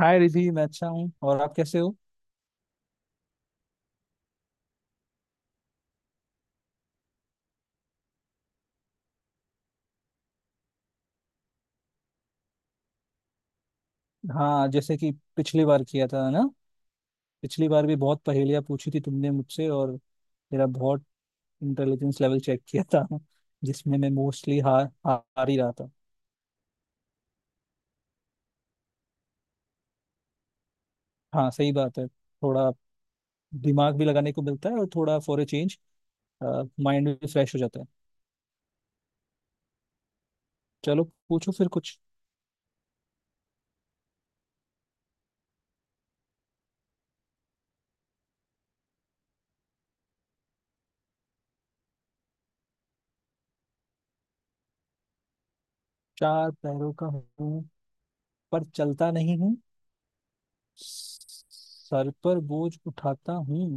हाय रिधि, मैं अच्छा हूँ। और आप कैसे हो? हाँ, जैसे कि पिछली बार किया था ना। पिछली बार भी बहुत पहेलियाँ पूछी थी तुमने मुझसे और मेरा बहुत इंटेलिजेंस लेवल चेक किया था। जिसमें मैं मोस्टली हार हार ही रहा था। हाँ सही बात है, थोड़ा दिमाग भी लगाने को मिलता है और थोड़ा फॉर ए चेंज माइंड भी फ्रेश हो जाता है। चलो, पूछो फिर कुछ। चार पैरों का हूँ, पर चलता नहीं हूँ। सर पर बोझ उठाता हूँ,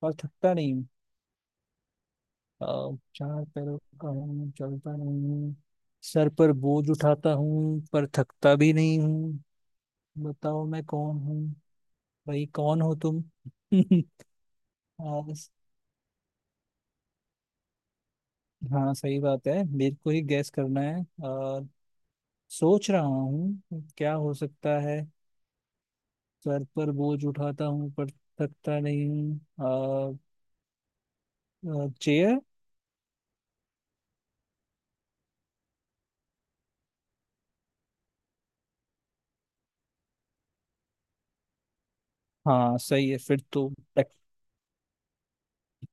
पर थकता नहीं। चार पैरों का हूँ, चलता नहीं हूँ। सर पर बोझ उठाता हूँ, पर थकता भी नहीं हूँ। बताओ मैं कौन हूँ? भाई, कौन हो तुम? हाँ हाँ, सही बात है, मेरे को ही गैस करना है। और सोच रहा हूँ क्या हो सकता है। सर पर बोझ उठाता हूँ पर थकता नहीं हूँ। चेयर। हाँ सही है फिर तो।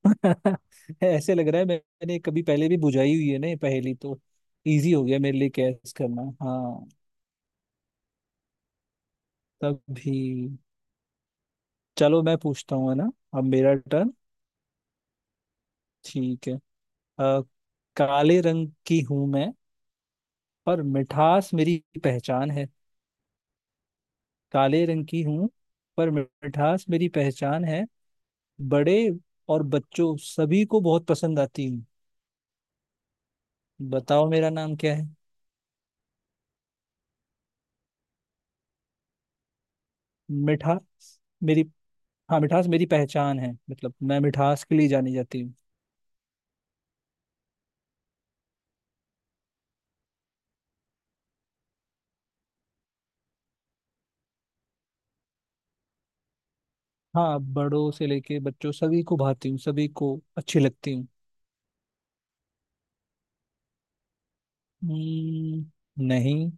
ऐसे लग रहा है मैंने कभी पहले भी बुझाई हुई है ना ये पहेली, तो इजी हो गया मेरे लिए कैच करना। हाँ, तभी। चलो मैं पूछता हूँ, है ना। अब मेरा टर्न। ठीक है। अ, काले रंग की हूं मैं, पर मिठास मेरी पहचान है। काले रंग की हूं, पर मिठास मेरी पहचान है। बड़े और बच्चों सभी को बहुत पसंद आती हूँ। बताओ मेरा नाम क्या है? मिठास मेरी, हाँ मिठास मेरी पहचान है, मतलब मैं मिठास के लिए जानी जाती हूँ। हाँ बड़ों से लेके बच्चों सभी को भाती हूँ, सभी को अच्छी लगती हूँ। हम्म, नहीं।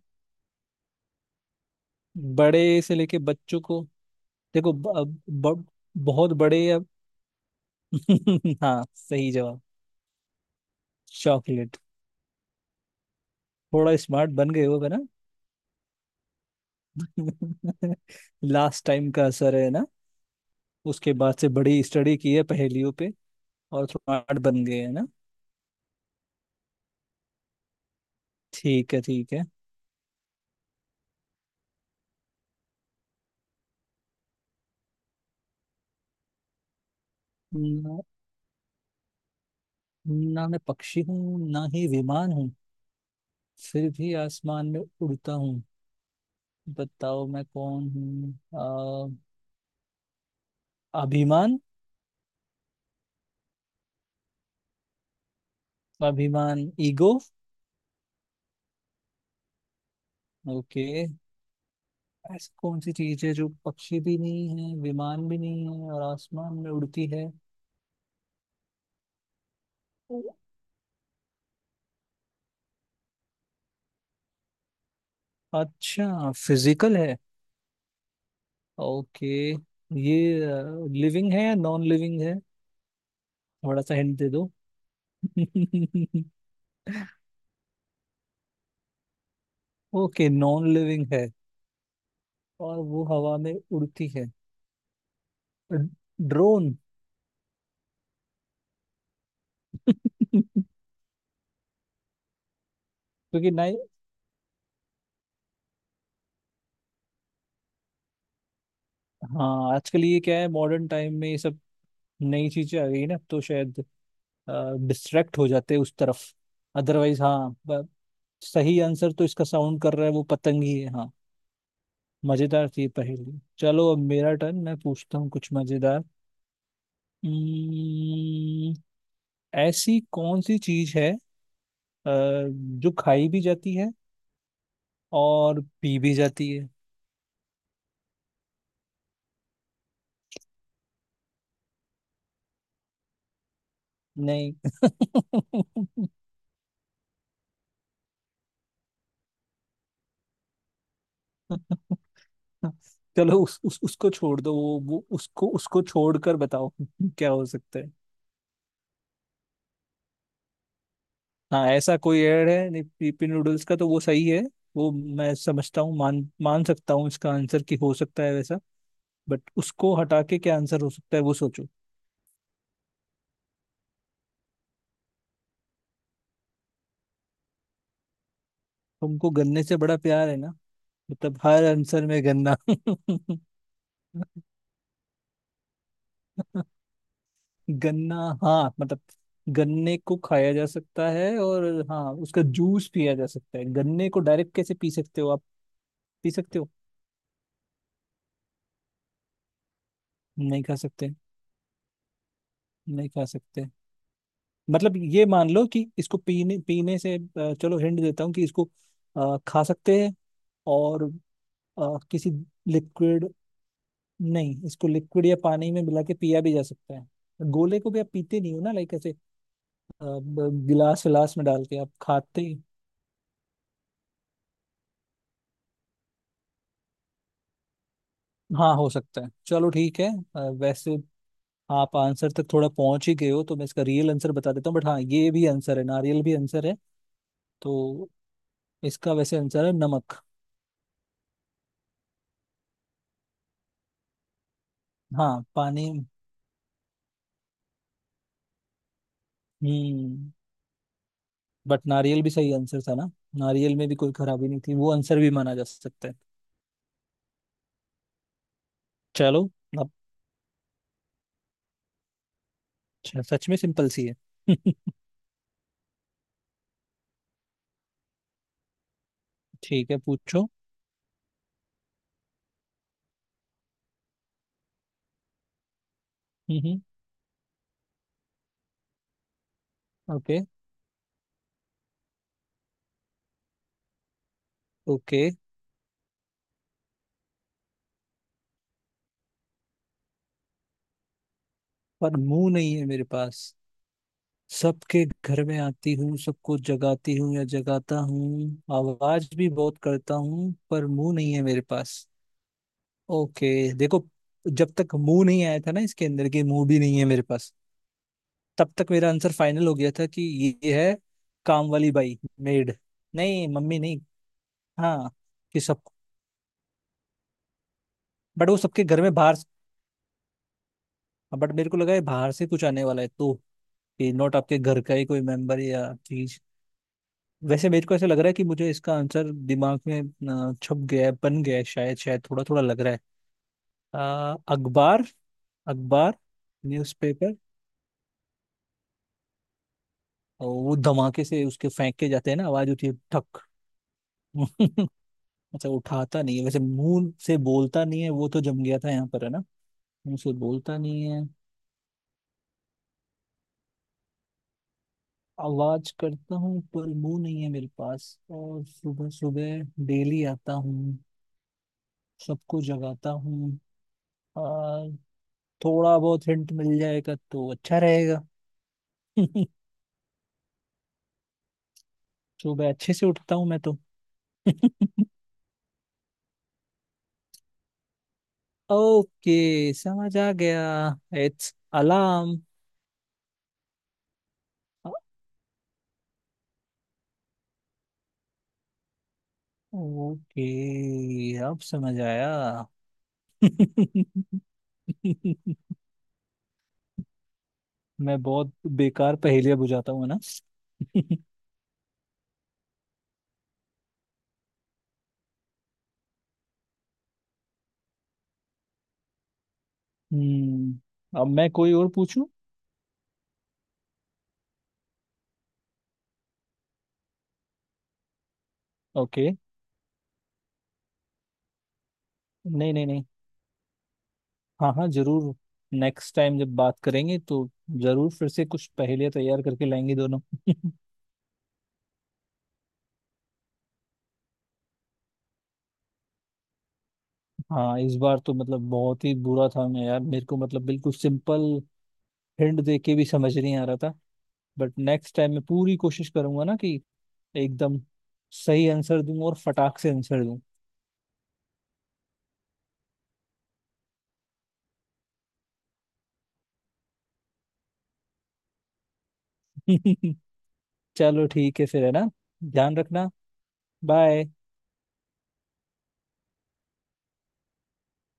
बड़े से लेके बच्चों को देखो। ब, ब, बहुत बड़े या हाँ सही जवाब, चॉकलेट। थोड़ा स्मार्ट बन गए होगा ना। लास्ट टाइम का असर है ना। उसके बाद से बड़ी स्टडी की है पहेलियों पे और स्मार्ट बन गए है ना। ठीक है, ठीक है। ना, ना मैं पक्षी हूँ ना ही विमान हूँ, फिर भी आसमान में उड़ता हूँ। बताओ मैं कौन हूँ? अभिमान। अभिमान, ईगो। ओके। ऐसी कौन सी चीज है जो पक्षी भी नहीं है, विमान भी नहीं है और आसमान में उड़ती है? अच्छा फिजिकल है। ओके। ये लिविंग है या नॉन लिविंग है? थोड़ा सा हिंट दे दो। ओके, नॉन लिविंग है और वो हवा में उड़ती है। ड्रोन। क्योंकि नहीं, हाँ आजकल ये क्या है, मॉडर्न टाइम में ये सब नई चीजें आ गई ना, तो शायद डिस्ट्रैक्ट हो जाते उस तरफ। अदरवाइज हाँ सही आंसर तो इसका साउंड कर रहा है, वो पतंग ही है, हाँ। मजेदार थी ये पहेली। चलो अब मेरा टर्न, मैं पूछता हूँ कुछ मजेदार। Hmm, ऐसी कौन सी चीज है, अ, जो खाई भी जाती है और पी भी जाती है? नहीं। चलो उस उसको छोड़ दो, वो उसको उसको छोड़कर बताओ। क्या हो सकता है? हाँ ऐसा कोई एड है नहीं पीपी नूडल्स का, तो वो सही है। वो मैं समझता हूँ, मान मान सकता हूँ इसका आंसर कि हो सकता है वैसा, बट उसको हटा के क्या आंसर हो सकता है वो सोचो। तुमको गन्ने से बड़ा प्यार है ना। मतलब हर आंसर में गन्ना। गन्ना, हाँ मतलब गन्ने को खाया जा सकता है और हाँ उसका जूस पिया जा सकता है। गन्ने को डायरेक्ट कैसे पी सकते हो आप? पी सकते हो? नहीं खा सकते। नहीं खा सकते। मतलब ये मान लो कि इसको पीने पीने से, चलो हिंट देता हूँ कि इसको खा सकते हैं और किसी लिक्विड। नहीं, इसको लिक्विड या पानी में मिला के पिया भी जा सकता है। गोले को भी आप पीते नहीं हो ना, लाइक ऐसे। गिलास विलास में डाल के आप खाते ही। हाँ हो सकता है, चलो ठीक है। वैसे आप आंसर तक थोड़ा पहुंच ही गए हो, तो मैं इसका रियल आंसर बता देता हूँ, बट हाँ ये भी आंसर है, नारियल भी आंसर है। तो इसका वैसे आंसर है नमक। हाँ पानी। हम्म, बट नारियल भी सही आंसर था ना। नारियल में भी कोई खराबी नहीं थी, वो आंसर भी माना जा सकता है। चलो। अब सच में सिंपल सी है। ठीक है, पूछो। हम्म। ओके। ओके। पर मुंह नहीं है मेरे पास। सबके घर में आती हूँ, सबको जगाती हूँ या जगाता हूँ, आवाज भी बहुत करता हूँ पर मुंह नहीं है मेरे पास। ओके। देखो, जब तक मुंह नहीं आया था ना इसके अंदर के, मुंह भी नहीं है मेरे पास, तब तक मेरा आंसर फाइनल हो गया था कि ये है, काम वाली बाई, मेड। नहीं मम्मी नहीं, हाँ कि सब, बट वो सबके घर में बाहर, बट मेरे को लगा है बाहर से कुछ आने वाला है, तो ये नॉट आपके घर का ही कोई मेंबर या चीज। वैसे मेरे को ऐसा लग रहा है कि मुझे इसका आंसर दिमाग में छप गया है, बन गया है शायद, शायद थोड़ा थोड़ा लग रहा है। अखबार। अखबार, न्यूज़पेपर। और वो धमाके से उसके फेंक के जाते हैं ना, आवाज होती है, ठक। अच्छा उठाता नहीं है, वैसे मुंह से बोलता नहीं है। वो तो जम गया था यहाँ पर, है ना। मुंह से बोलता नहीं है। आवाज करता हूँ पर मुंह नहीं है मेरे पास, और सुबह सुबह डेली आता हूँ, सबको जगाता हूँ, और थोड़ा बहुत हिंट मिल जाएगा तो अच्छा रहेगा। सुबह अच्छे से उठता हूँ मैं तो। ओके समझ आ गया। It's alarm. ओके, अब समझ आया। मैं बहुत बेकार पहेलियां बुझाता हूँ है ना। हम्म। अब मैं कोई और पूछूं? ओके। नहीं नहीं नहीं, हाँ हाँ जरूर। नेक्स्ट टाइम जब बात करेंगे तो जरूर फिर से कुछ पहेलियां तैयार करके लाएंगे दोनों। हाँ इस बार तो मतलब बहुत ही बुरा था मैं यार, मेरे को मतलब बिल्कुल सिंपल हिंट दे के भी समझ नहीं आ रहा था। बट नेक्स्ट टाइम मैं पूरी कोशिश करूंगा ना कि एकदम सही आंसर दूं और फटाक से आंसर दूं। चलो ठीक है फिर, है ना। ध्यान रखना। बाय।